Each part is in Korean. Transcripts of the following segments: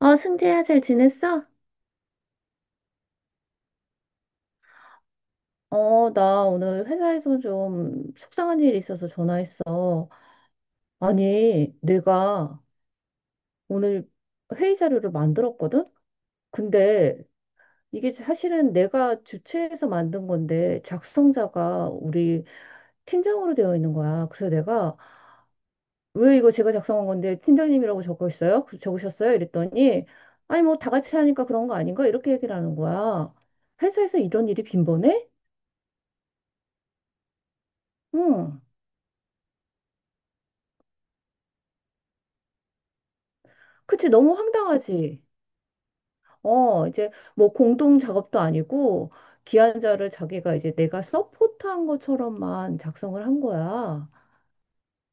어, 승재야, 잘 지냈어? 어, 나 오늘 회사에서 좀 속상한 일이 있어서 전화했어. 아니, 내가 오늘 회의 자료를 만들었거든? 근데 이게 사실은 내가 주최해서 만든 건데 작성자가 우리 팀장으로 되어 있는 거야. 그래서 내가 왜 이거 제가 작성한 건데 팀장님이라고 적어 있어요? 적으셨어요? 이랬더니 아니, 뭐 다 같이 하니까 그런 거 아닌가? 이렇게 얘기를 하는 거야. 회사에서 이런 일이 빈번해? 응. 그치, 너무 황당하지. 어, 이제 뭐 공동 작업도 아니고 기한자를 자기가 이제 내가 서포트한 것처럼만 작성을 한 거야.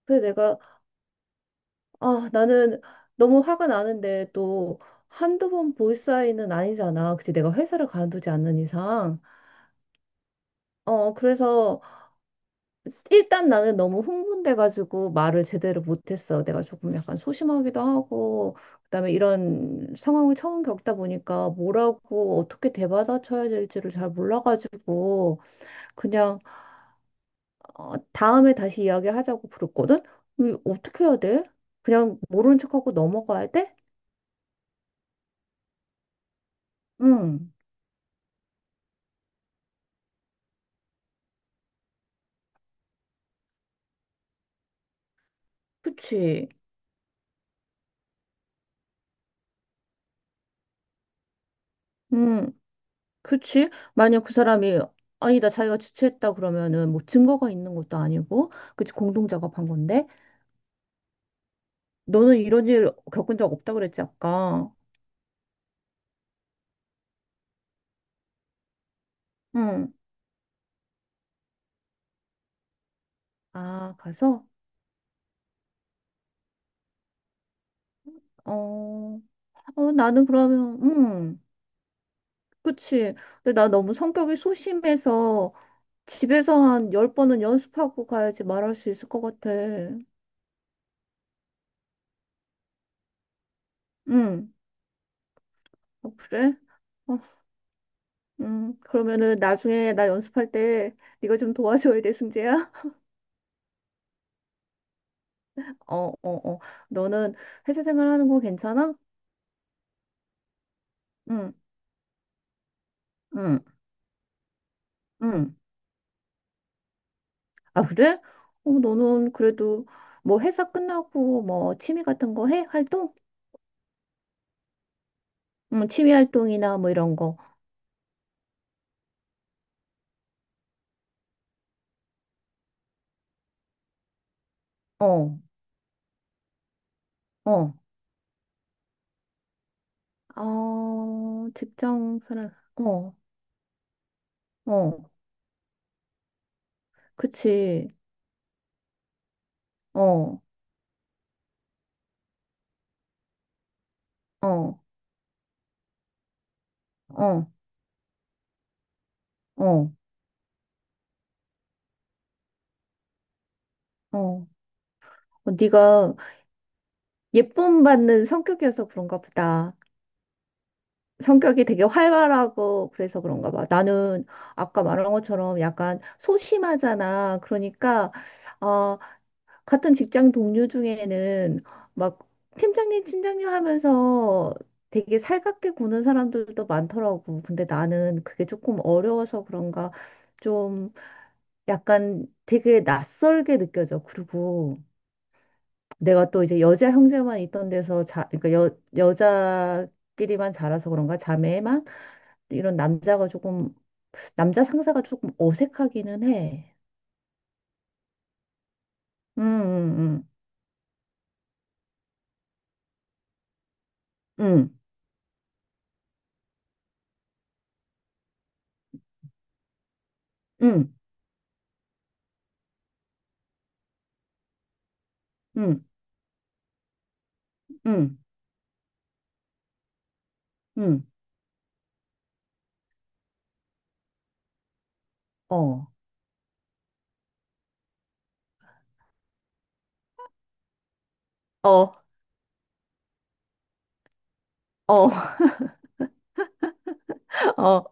그래서 내가, 아, 나는 너무 화가 나는데 또 한두 번 볼 사이는 아니잖아. 그치, 내가 회사를 가두지 않는 이상. 어, 그래서 일단 나는 너무 흥분돼가지고 말을 제대로 못했어. 내가 조금 약간 소심하기도 하고, 그다음에 이런 상황을 처음 겪다 보니까 뭐라고 어떻게 대받아쳐야 될지를 잘 몰라가지고 그냥 어, 다음에 다시 이야기하자고 부르거든. 어떻게 해야 돼? 그냥 모른 척하고 넘어가야 돼? 응, 그치. 응, 그치. 만약 그 사람이 아니다 자기가 주최했다 그러면은 뭐 증거가 있는 것도 아니고, 그치 공동 작업한 건데. 너는 이런 일 겪은 적 없다 그랬지, 아까. 응. 아, 가서? 어, 어, 나는 그러면, 응, 그치. 근데 나 너무 성격이 소심해서 집에서 한 열번은 연습하고 가야지 말할 수 있을 것 같아. 응. 어, 그래? 어, 그러면은 나중에 나 연습할 때 네가 좀 도와줘야 돼, 승재야. 어, 어, 어. 너는 회사 생활하는 거 괜찮아? 응, 응, 응. 아, 그래? 어, 너는 그래도 뭐 회사 끝나고 뭐 취미 같은 거 해? 활동? 취미 활동이나 뭐 이런 거. 어, 어. 아, 직장 사람. 어, 어. 그치. 어, 어, 어, 어, 어. 어, 네가 예쁨 받는 성격이어서 그런가 보다. 성격이 되게 활발하고 그래서 그런가 봐. 나는 아까 말한 것처럼 약간 소심하잖아. 그러니까 아, 같은 직장 동료 중에는 막 팀장님, 팀장님 하면서 되게 살갑게 구는 사람들도 많더라고. 근데 나는 그게 조금 어려워서 그런가 좀 약간 되게 낯설게 느껴져. 그리고 내가 또 이제 여자 형제만 있던 데서 그러니까 여자끼리만 자라서 그런가 자매만 이런 남자가 조금 남자 상사가 조금 어색하기는 해. 음, 음, 음, 음, 음, 음, 음, 음, 어. 어, 어, 어,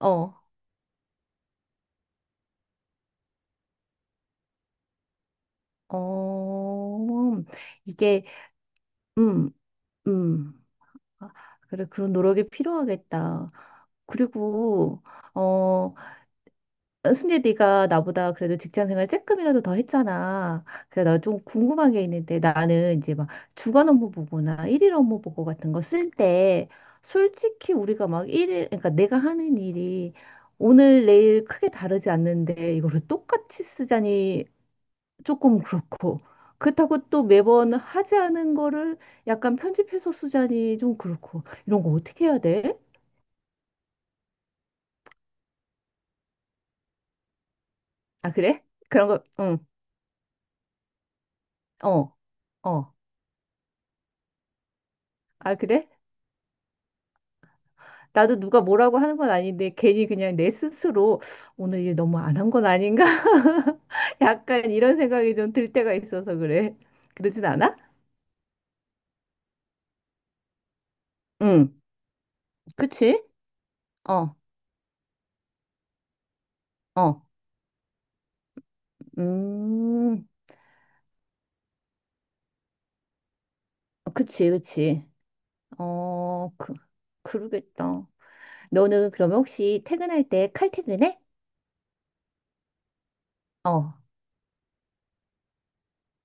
어, 어, 이게, 음, 음. 아, 그래, 그런 노력이 필요하겠다. 그리고, 어, 순재 네가 나보다 그래도 직장 생활 조금이라도 더 했잖아. 그래서 나 좀 궁금한 게 있는데 나는 이제 막 주간 업무 보고나 일일 업무 보고 같은 거 쓸 때 솔직히 우리가 막 일일, 그러니까 내가 하는 일이 오늘 내일 크게 다르지 않는데 이거를 똑같이 쓰자니 조금 그렇고. 그렇다고 또 매번 하지 않은 거를 약간 편집해서 쓰자니 좀 그렇고. 이런 거 어떻게 해야 돼? 아, 그래? 그런 거, 응, 어, 어. 아, 그래? 나도 누가 뭐라고 하는 건 아닌데 괜히 그냥 내 스스로 오늘 일 너무 안 한 건 아닌가? 약간 이런 생각이 좀 들 때가 있어서 그래. 그러진 않아? 응, 그치? 어, 어. 음, 그치, 그치. 어, 그러겠다. 너는 그러면 혹시 퇴근할 때 칼퇴근해? 어.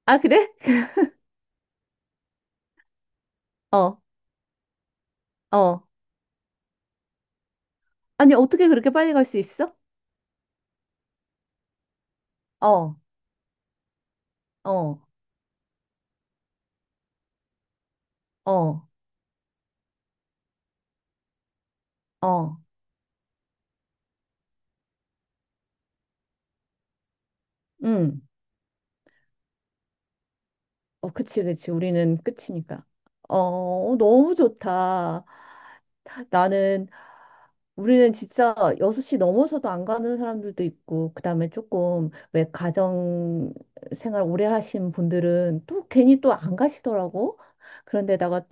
아, 그래? 어, 어. 아니, 어떻게 그렇게 빨리 갈 수 있어? 어, 어, 어, 어. 응. 어, 그치, 그치. 우리는 끝이니까. 어, 어, 너무 좋다. 나는, 우리는 진짜 6시 넘어서도 안 가는 사람들도 있고, 그 다음에 조금, 왜 가정 생활 오래 하신 분들은 또 괜히 또 안 가시더라고. 그런데다가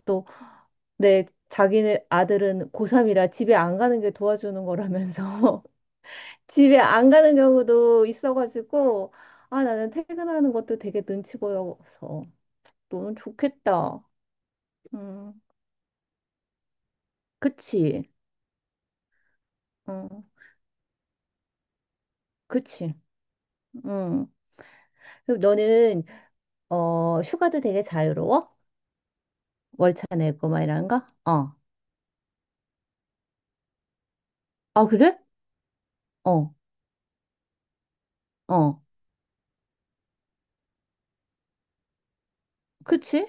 네, 자기네 아들은 고3이라 집에 안 가는 게 도와주는 거라면서 집에 안 가는 경우도 있어가지고 아 나는 퇴근하는 것도 되게 눈치 보여서 너는 좋겠다. 음, 그치. 음, 그치. 음. 그럼 너는 어 휴가도 되게 자유로워? 월차 내고 막 이런 거? 어. 아 그래? 어, 어. 그치?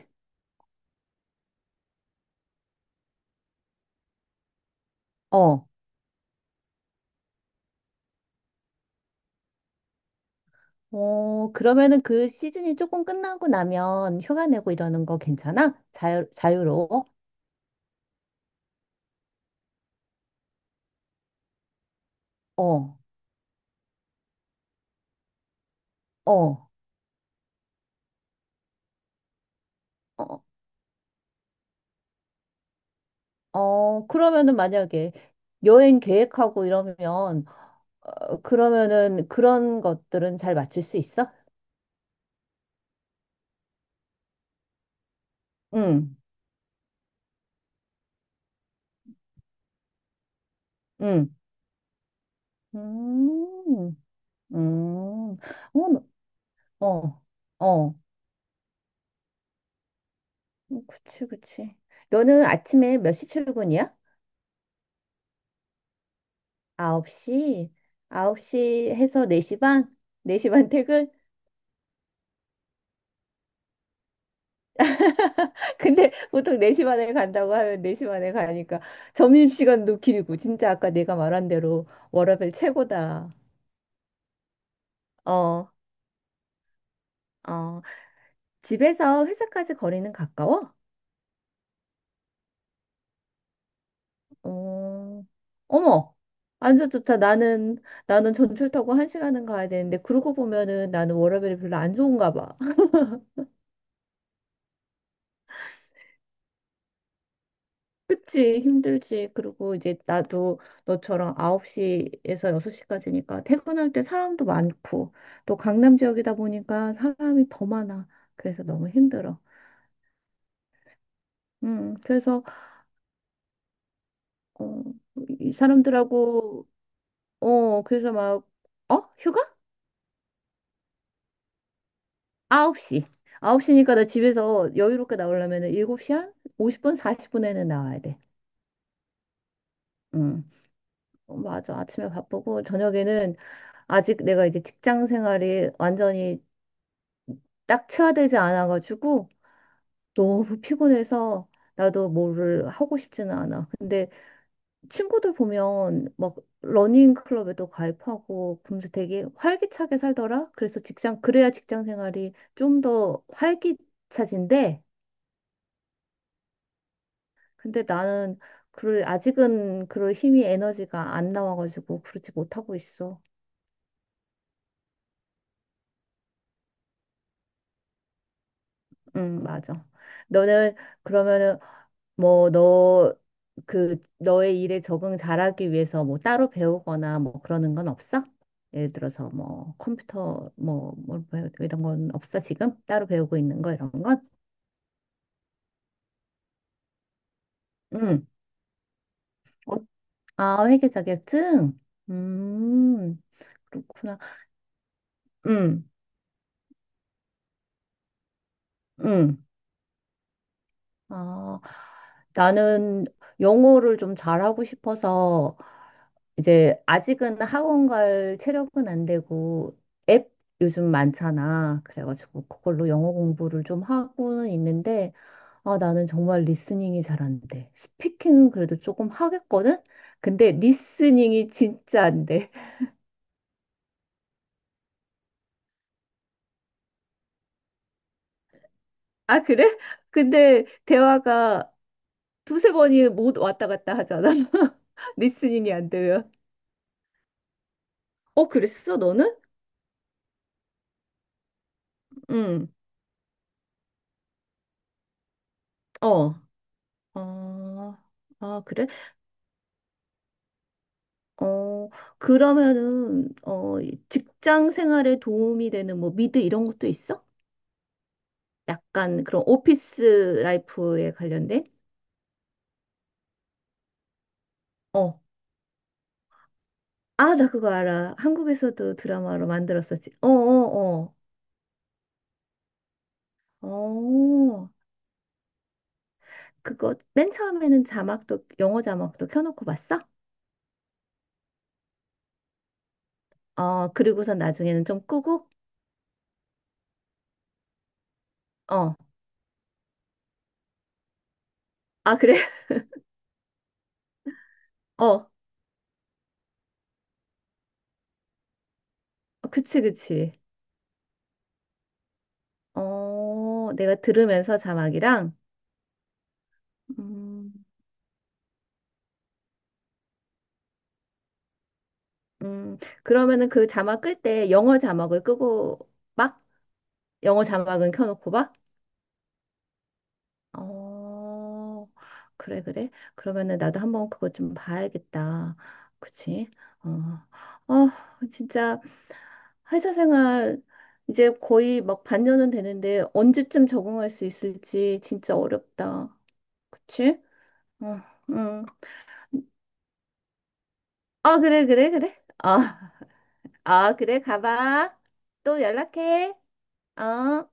어, 어, 그러면은 그 시즌이 조금 끝나고 나면 휴가 내고 이러는 거 괜찮아? 자유로워? 어, 어, 어, 어, 그러면은 만약에 여행 계획하고 이러면, 어, 그러면은 그런 것들은 잘 맞출 수 있어? 응, 응, 음, 음, 어, 어, 어, 어, 그치, 그치. 너는 아침에 몇 시 출근이야? 9시? 9시 해서 4시 반? 4시 반 퇴근? 근데 보통 4시 반에 간다고 하면 4시 반에 가니까 점심시간도 길고 진짜 아까 내가 말한 대로 워라밸 최고다. 어, 어. 집에서 회사까지 거리는 가까워? 어, 어머. 완전 좋다. 나는 전철 타고 한 시간은 가야 되는데 그러고 보면은 나는 워라밸이 별로 안 좋은가 봐. 그치, 힘들지. 그리고 이제 나도 너처럼 9시에서 6시까지니까 퇴근할 때 사람도 많고, 또 강남 지역이다 보니까 사람이 더 많아. 그래서 너무 힘들어. 그래서, 어, 이 사람들하고, 어, 그래서 막, 어? 휴가? 9시. 9시니까 나 집에서 여유롭게 나오려면 7시 한 50분, 40분에는 나와야 돼. 음, 어, 맞아. 아침에 바쁘고, 저녁에는 아직 내가 이제 직장 생활이 완전히 낙체화되지 않아가지고 너무 피곤해서 나도 뭐를 하고 싶지는 않아. 근데 친구들 보면 막 러닝 클럽에도 가입하고 그러면서 되게 활기차게 살더라. 그래서 직장 그래야 직장 생활이 좀 더 활기차진데 근데 나는 그럴 아직은 그럴 힘이 에너지가 안 나와가지고 그러지 못하고 있어. 응, 맞아. 너는 그러면은 뭐, 너, 너의 일에 적응 잘하기 위해서 뭐 따로 배우거나 뭐 그러는 건 없어? 예를 들어서 뭐 컴퓨터 뭐 이런 건 없어, 지금? 따로 배우고 있는 거 이런 건? 응. 어, 아, 회계 자격증? 음, 그렇구나. 응, 응. 아, 나는 영어를 좀 잘하고 싶어서 이제 아직은 학원 갈 체력은 안 되고 앱 요즘 많잖아. 그래가지고 그걸로 영어 공부를 좀 하고는 있는데 아 나는 정말 리스닝이 잘 안 돼. 스피킹은 그래도 조금 하겠거든. 근데 리스닝이 진짜 안 돼. 아 그래? 근데 대화가 두세 번이 못 왔다 갔다 하잖아. 리스닝이 안 되면. 어 그랬어 너는? 응. 어. 어. 아 그래? 어, 그러면은, 어, 이 직장 생활에 도움이 되는 뭐 미드 이런 것도 있어? 약간 그런 오피스 라이프에 관련된? 어. 아, 나 그거 알아. 한국에서도 드라마로 만들었었지. 어, 어, 어. 어, 그거 맨 처음에는 자막도, 영어 자막도 켜놓고 봤어? 어, 그리고선 나중에는 좀 끄고? 어. 아, 그래? 어. 그치, 그치. 어, 내가 들으면서 자막이랑, 음. 그러면은 그 자막 끌 때 영어 자막을 끄고 막 영어 자막은 켜놓고 막? 어, 그래, 그래. 그러면은 나도 한번 그거 좀 봐야겠다. 그치? 어, 어, 진짜 회사 생활 이제 거의 막 반년은 되는데 언제쯤 적응할 수 있을지 진짜 어렵다. 그치? 어, 응. 아, 그래, 그래, 그래. 아, 아, 그래, 가봐. 또 연락해. 어.